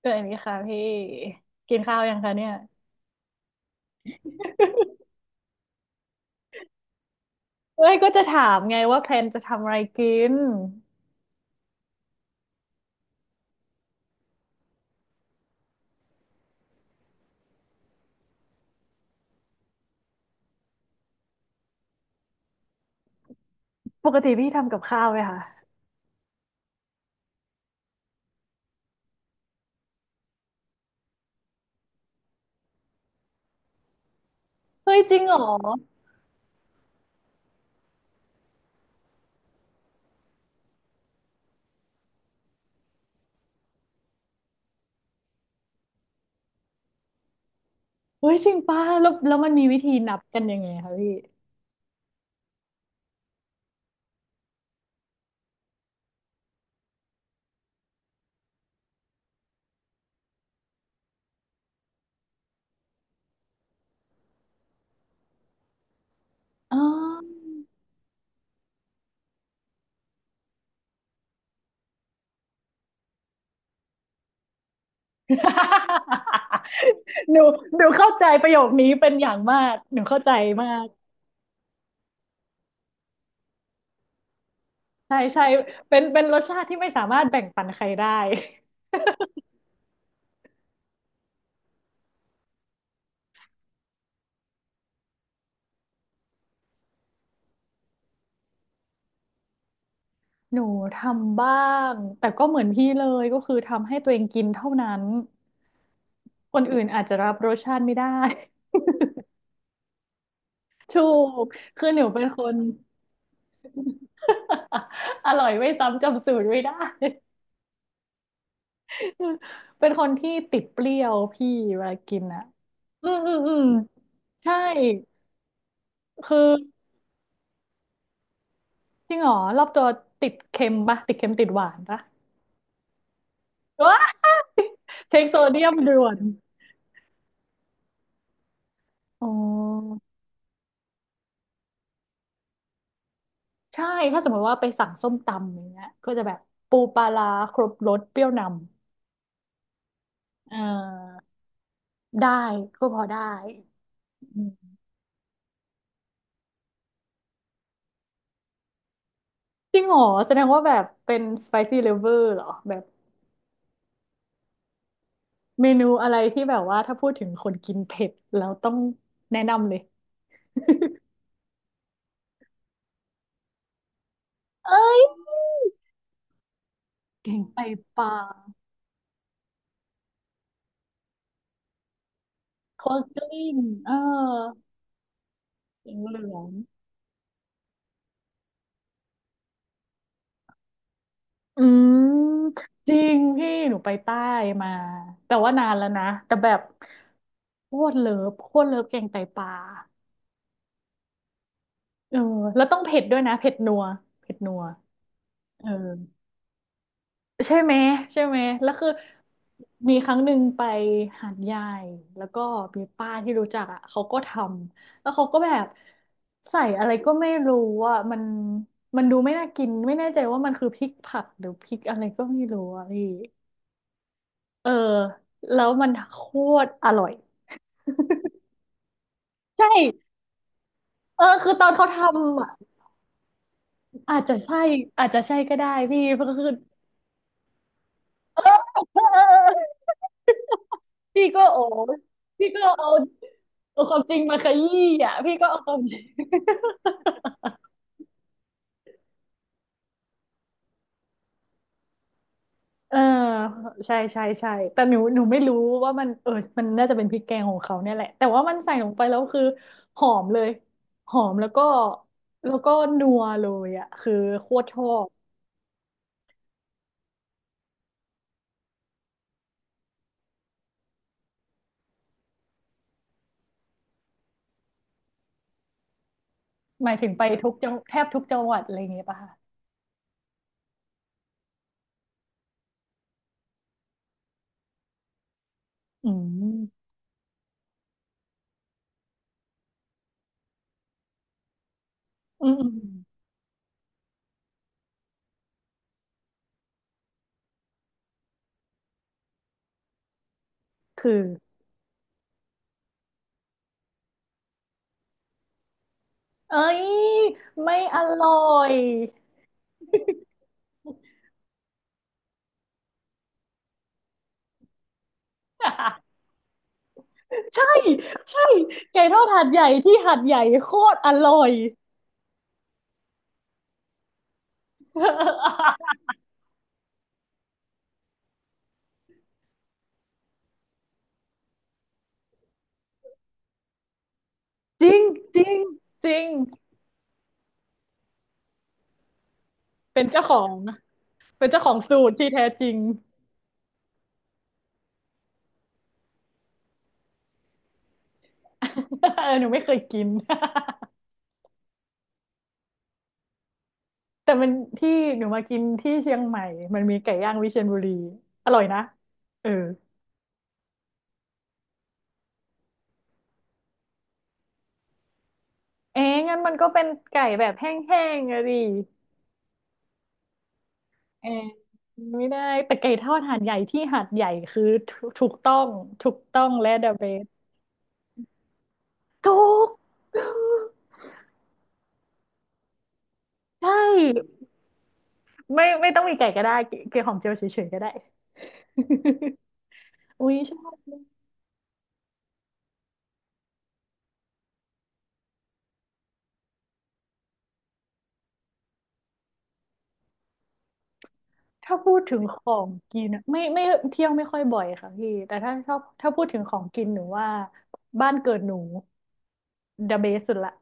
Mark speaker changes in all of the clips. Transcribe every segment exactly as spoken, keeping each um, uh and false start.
Speaker 1: เกิดนี้ค่ะพี่กินข้าวยังคะเนี่ยเฮ้ยก็จะถามไงว่าแพลนจะทำอะไรกินปกติพี่ทำกับข้าวไหมคะเฮ้ยจริงเหรอเฮ้ยจริงป่ะแล้วแล้วมันมีวิธีนับกันยังไงคะพี่อ๋อ หนูหนูเข้าใจประโยคนี้เป็นอย่างมากหนูเข้าใจมากใช่ใช่เป็นเป็นรสชาติที่ไม่สามารถแบ่งปันใครได้ หนูทำบ้างแต่ก็เหมือนพี่เลยก็คือทำให้ตัวเองกินเท่านั้น คนอื่นอาจจะรับรสชาติไม่ได้ ถูก คือหนูเป็นคน อร่อยไม่ซ้ำจำสูตรไม่ได้ เป็นคนที่ติดเปรี้ยวพี่เวลากินอะอืมอืมอืมใช่ คือจริงเหรอรอบตัวติดเค็มปะ ติดเค็มติดหวานปะ ว้ายเทคโซเดียมด่วน อ๋อ ใช่ถ้าสมมติว่าไปสั่งส้มตำอย่างเงี้ยก็จะแบบปูปลาร้าครบรสเปรี้ยวนำเออได้ก็พอได้ จริงเหรอแสดงว่าแบบเป็น spicy lover เหรอแบบเมนูอะไรที่แบบว่าถ้าพูดถึงคนกินเผ็ดแล้วต้องแนะนำเลยเอ้ยแกงไตปลาโคลดกลิ้งเออแกงเหลืองอืมจริงพี่หนูไปใต้มาแต่ว่านานแล้วนะแต่แบบโคตรเลิฟโคตรเลิฟแกงไตปลาเออแล้วต้องเผ็ดด้วยนะเผ็ดนัวเผ็ดนัวเออ ใช่ไหมใช่ไหมแล้วคือมีครั้งหนึ่งไปหาดใหญ่แล้วก็มีป้าที่รู้จักอ่ะเขาก็ทำแล้วเขาก็แบบใส่อะไรก็ไม่รู้อ่ะมันมันดูไม่น่ากินไม่แน่ใจว่ามันคือพริกผักหรือพริกอะไรก็ไม่รู้อ่ะพี่เออแล้วมันโคตรอร่อย ใช่เออคือตอนเขาทำอะอาจจะใช่อาจจะใช่ก็ได้พี่เพราะคือ เออเออเออพี่ก็โอ้พี่ก็เอาเอาความจริงมาขยี้อ่ะพี่ก็เอาความจริง เออใช่ใช่ใช่แต่หนูหนูไม่รู้ว่ามันเออมันน่าจะเป็นพริกแกงของเขาเนี่ยแหละ แต่ว่ามันใส่ลงไปแล้วคือหอมเลยหอมแล้วก็แล้วก็นัวเลยอ่ะคือโคตรชอบหมายถึงไปทุกจังแทบทุกจังหวัดอะไรอย่างเงี้ยป่ะคะอืมอืมอืมคือเอ้ยไม่อร่อย ใช่ใช่ไก่ทอดหาดใหญ่ที่หาดใหญ่โคตรอร่อย จริงจริงจริงเป็นเจ้าของเป็นเจ้าของสูตรที่แท้จริง เออหนูไม่เคยกิน แต่มันที่หนูมากินที่เชียงใหม่มันมีไก่ย่างวิเชียรบุรีอร่อยนะเออเอ๊ะงั้นมันก็เป็นไก่แบบแห้งๆอะดิเออไม่ได้แต่ไก่ทอดหาดใหญ่ที่หาดใหญ่คือถูกถูกต้องถูกต้องและเดอะเบสถูก ใช่ไม่ไม่ต้องมีไก่ก็ได้เกลือหอมเจียวเฉยๆก็ได้ อุ้ยชอบถ้าพูดถึงของกินอะไม่ไม่เที่ยวไม่ค่อยบ่อยค่ะพี่แต่ถ้าชอบถ้าพูดถึงของกินหนูว่าบ้านเกิดหนู the best สุดละ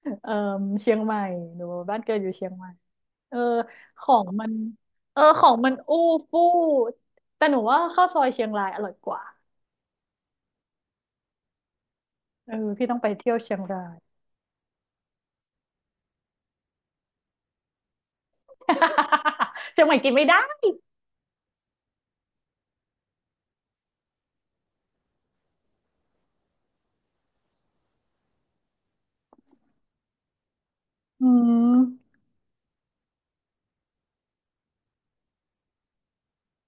Speaker 1: เออเชียงใหม่หนูบ้านเกิดอยู่เชียงใหม่เออของมันเออของมันอู้ฟู่แต่หนูว่าข้าวซอยเชียงรายอร่อยกว่าเออพี่ต้องไปเที่ยวเชียงราย เชียงใหม่กินไม่ได้ อืม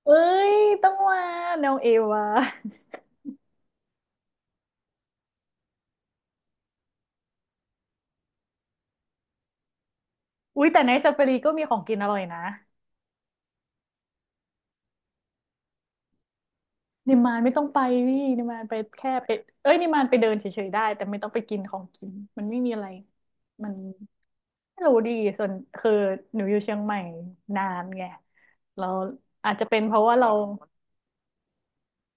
Speaker 1: เอ้ยต้องมาแนวเอวาอุ้ยแต่ในซาฟารีก็มีของกินอร่อยนะนิมมานไม่ต้องไปนี่นิมมานไปแค่ไปเอ้ยนิมมานไปเดินเฉยๆได้แต่ไม่ต้องไปกินของกินมันไม่มีอะไรมันไม่รู้ดีส่วนคือหนูอยู่เชียงใหม่นานไงเราอาจจะเป็นเพราะว่าเรา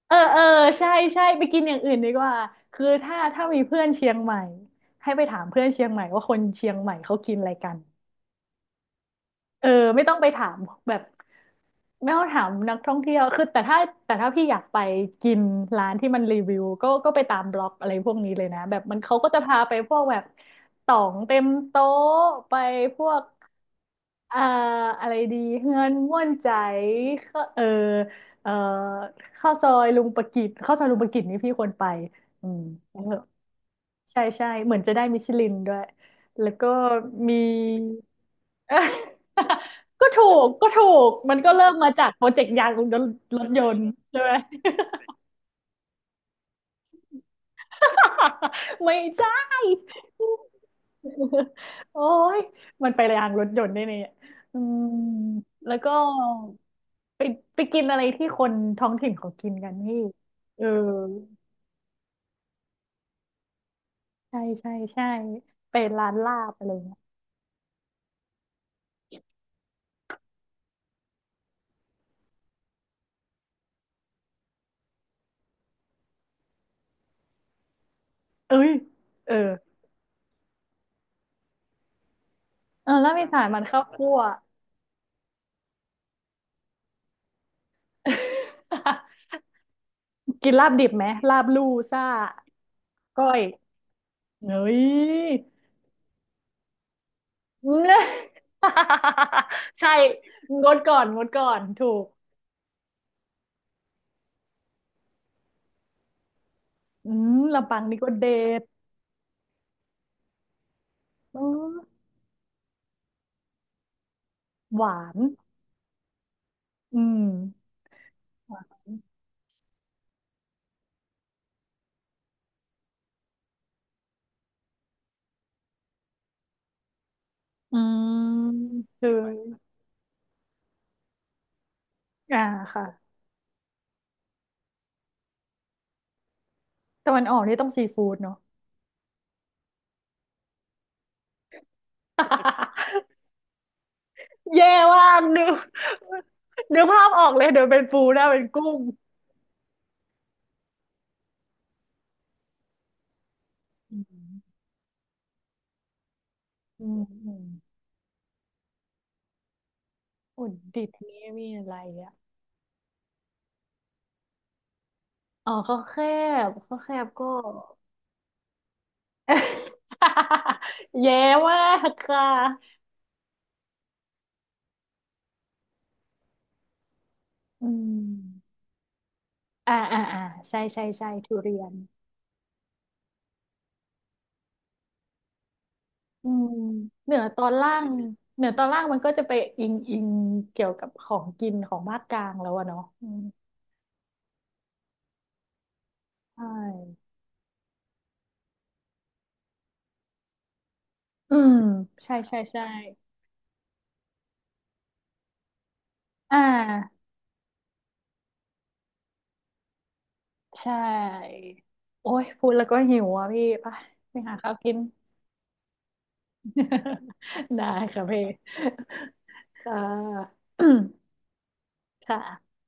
Speaker 1: เออเออใช่ใช่ไปกินอย่างอื่นดีกว่าคือถ้าถ้ามีเพื่อนเชียงใหม่ให้ไปถามเพื่อนเชียงใหม่ว่าคนเชียงใหม่เขากินอะไรกัน เออไม่ต้องไปถามแบบไม่ต้องถามนักท่องเที่ยวคือแต่ถ้าแต่ถ้าพี่อยากไปกินร้านที่มันรีวิวก็ก็ไปตามบล็อกอะไรพวกนี้เลยนะแบบมันเขาก็จะพาไปพวกแบบต่องเต็มโต๊ะไปพวกเอ่ออะไรดีเฮือนม่วนใจข้าเออเอ่อข้าวซอยลุงประกิตข้าวซอยลุงประกิตนี่พี่ควรไปอืมเอใช่ใช่เหมือนจะได้มิชลินด้วยแล้วก็มี เออก็ถูกก็ถูกมันก็เริ่มมาจากโปรเจกต์ยางรถยนต์ใช่ไหม ไม่ใช่ โอ้ยมันไปยางรถยนต์ได้เนี่ยอืมแล้วก็ไปไปกินอะไรที่คนท้องถิ่นเขากินกันพี่เออใช่ใช่ใช่ไปร้านลาบอะไรเงี้ยเอ้ยเออเออลาบอีสานมันข้าวคั่ว กินลาบดิบไหมลาบลู่ซ่าก้อย เฮ้ย อืม ใช่งดก่อนงดก่อน ถูก อืมลำปางนี่ก็เด็ดอ๋อหวานอืม อืมคืออ่าค่ะตะวันออกนี่ต้องซีฟู้ดเนาะ แย่ว่ากนึกนึกภาพออกเลยเดี๋ยวเป็นปูนะเป็นกุ้งอืมอืมอืมอุตรดิตถ์นี่มีอะไรอ่ะ อ๋อข้าวแคบข้าวแคบก็ เย้มากค่ะอืมอ่าอ่าอ่าใช่ใช่ใช่ทุเรียนอืมเหนือตอนล่าง เหนือตอนล่างมันก็จะไปอิงอิงเกี่ยวกับของกินของภาคกลางแล้วอะเนาะอืมใช่อืมใช่ใช่ใช่อ่าใช่ โอ้ยพูดแล้วก็หิวอ่ะพี่ไปไปหาข้าวกิน ได้ค่ะพี่ ค่ะ ค่ะ